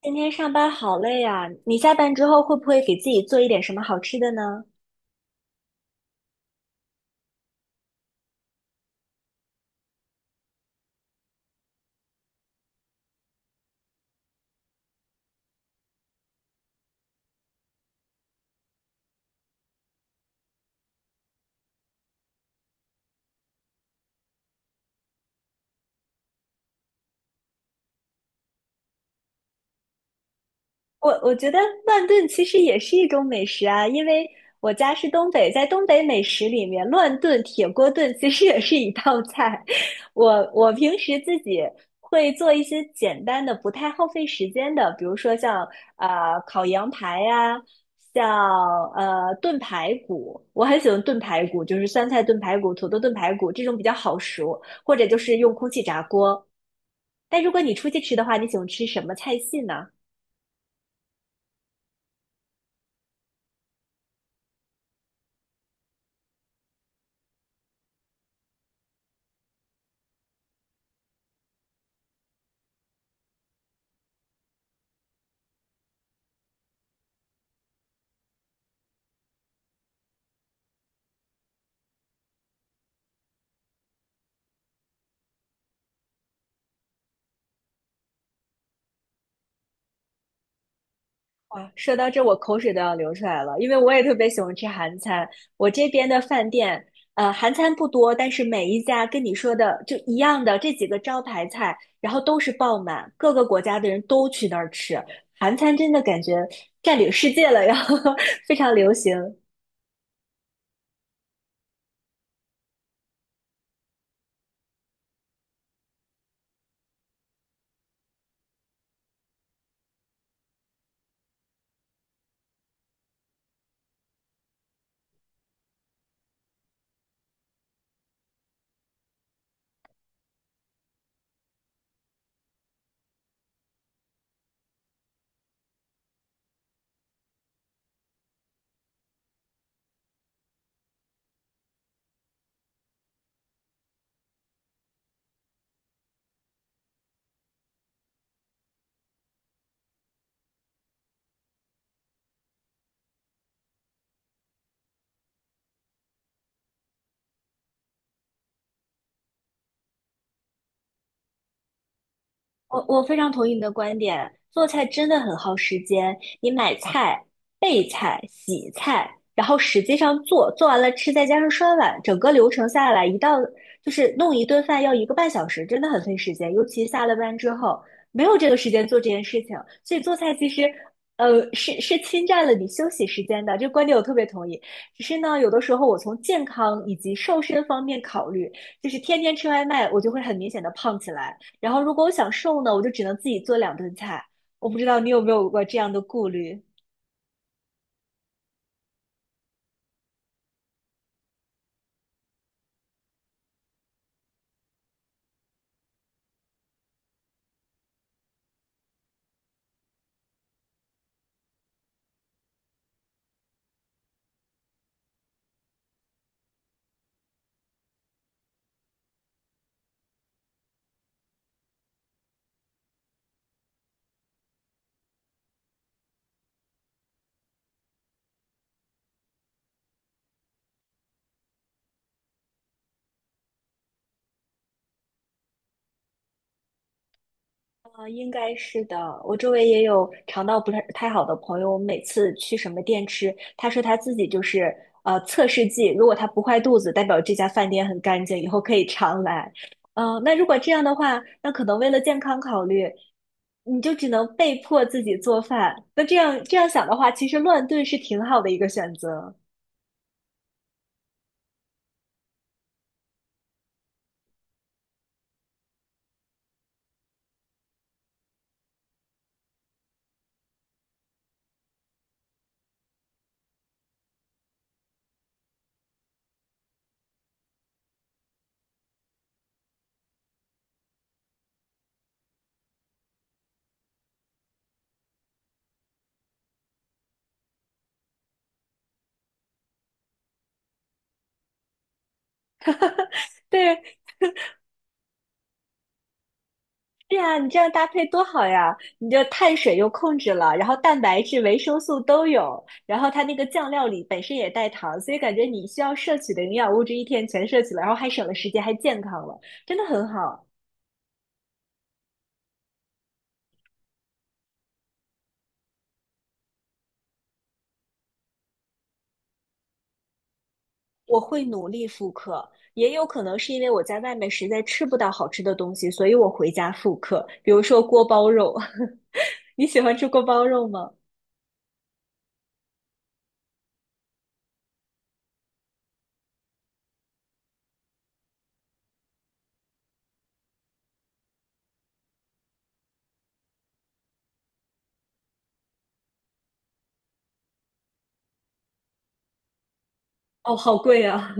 今天上班好累啊，你下班之后会不会给自己做一点什么好吃的呢？我觉得乱炖其实也是一种美食啊，因为我家是东北，在东北美食里面，乱炖、铁锅炖其实也是一道菜。我平时自己会做一些简单的、不太耗费时间的，比如说像烤羊排呀、像炖排骨，我很喜欢炖排骨，就是酸菜炖排骨、土豆炖排骨这种比较好熟，或者就是用空气炸锅。但如果你出去吃的话，你喜欢吃什么菜系呢？哇，说到这，我口水都要流出来了，因为我也特别喜欢吃韩餐。我这边的饭店，韩餐不多，但是每一家跟你说的就一样的这几个招牌菜，然后都是爆满，各个国家的人都去那儿吃。韩餐真的感觉占领世界了，然后 非常流行。我非常同意你的观点，做菜真的很耗时间。你买菜、备菜、洗菜，然后实际上做，做完了吃，再加上刷碗，整个流程下来，一道就是弄一顿饭要1个半小时，真的很费时间。尤其下了班之后，没有这个时间做这件事情，所以做菜其实，侵占了你休息时间的。这个观点我特别同意。只是呢，有的时候我从健康以及瘦身方面考虑，就是天天吃外卖，我就会很明显的胖起来。然后如果我想瘦呢，我就只能自己做两顿菜。我不知道你有没有过这样的顾虑？啊，应该是的。我周围也有肠道不太好的朋友，我们每次去什么店吃，他说他自己就是测试剂，如果他不坏肚子，代表这家饭店很干净，以后可以常来。嗯、那如果这样的话，那可能为了健康考虑，你就只能被迫自己做饭。那这样想的话，其实乱炖是挺好的一个选择。对，对呀，你这样搭配多好呀！你这碳水又控制了，然后蛋白质、维生素都有，然后它那个酱料里本身也带糖，所以感觉你需要摄取的营养物质一天全摄取了，然后还省了时间，还健康了，真的很好。我会努力复刻，也有可能是因为我在外面实在吃不到好吃的东西，所以我回家复刻，比如说锅包肉。你喜欢吃锅包肉吗？哦，好贵啊。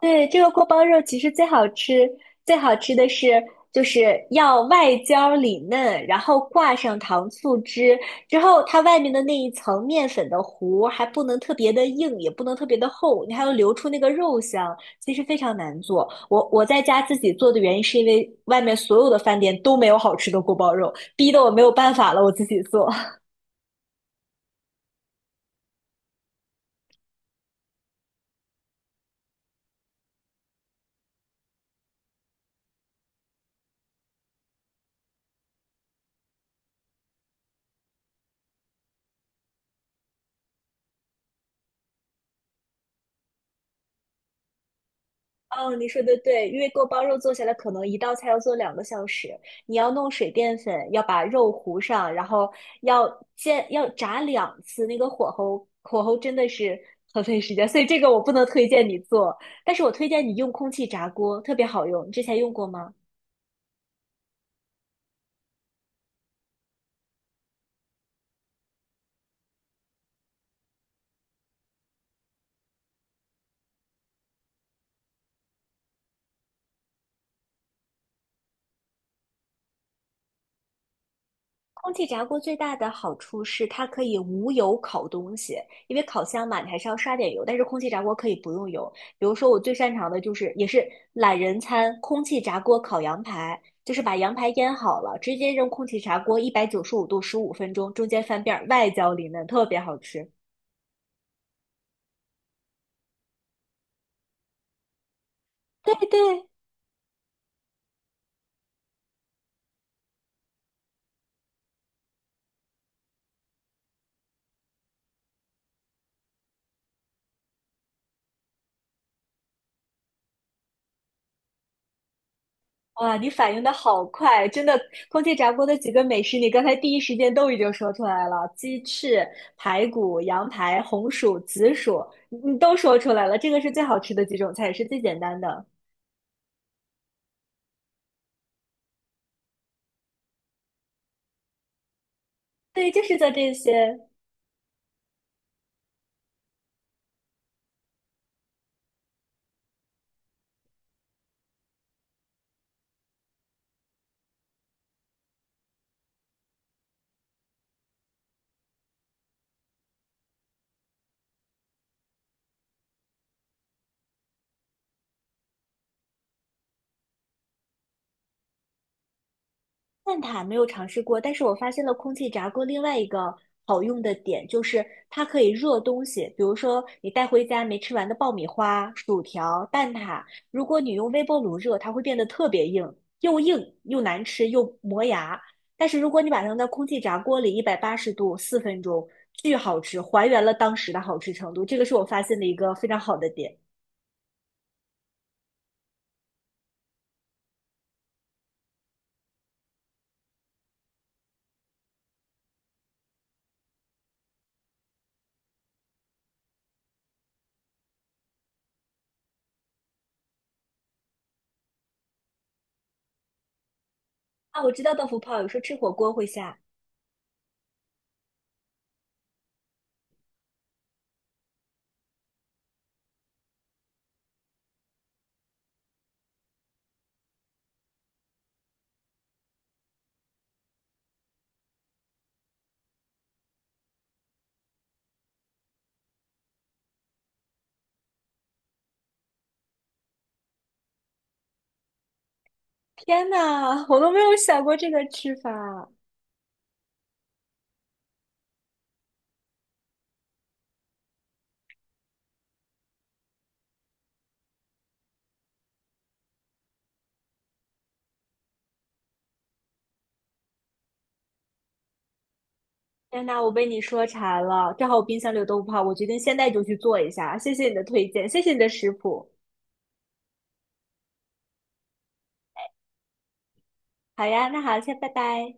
对，这个锅包肉其实最好吃，最好吃的是就是要外焦里嫩，然后挂上糖醋汁，之后它外面的那一层面粉的糊还不能特别的硬，也不能特别的厚，你还要留出那个肉香，其实非常难做。我在家自己做的原因是因为外面所有的饭店都没有好吃的锅包肉，逼得我没有办法了，我自己做。哦，你说的对，因为锅包肉做下来可能一道菜要做2个小时，你要弄水淀粉，要把肉糊上，然后要煎，要炸两次，那个火候真的是很费时间，所以这个我不能推荐你做，但是我推荐你用空气炸锅，特别好用，你之前用过吗？空气炸锅最大的好处是它可以无油烤东西，因为烤箱嘛，你还是要刷点油，但是空气炸锅可以不用油。比如说我最擅长的就是，也是懒人餐，空气炸锅烤羊排，就是把羊排腌好了，直接扔空气炸锅，195度15分钟，中间翻遍儿，外焦里嫩，特别好吃。对对，哇，你反应的好快，真的！空气炸锅的几个美食，你刚才第一时间都已经说出来了，鸡翅、排骨、羊排、红薯、紫薯，你都说出来了。这个是最好吃的几种菜，也是最简单的。对，就是做这些。蛋挞没有尝试过，但是我发现了空气炸锅另外一个好用的点，就是它可以热东西，比如说你带回家没吃完的爆米花、薯条、蛋挞，如果你用微波炉热，它会变得特别硬，又硬又难吃又磨牙。但是如果你把它扔到空气炸锅里，180度4分钟，巨好吃，还原了当时的好吃程度。这个是我发现的一个非常好的点啊！我知道豆腐泡有时候吃火锅会下，天呐，我都没有想过这个吃法。天呐，我被你说馋了，正好我冰箱里有豆腐泡，我决定现在就去做一下。谢谢你的推荐，谢谢你的食谱。好呀，那好，先拜拜。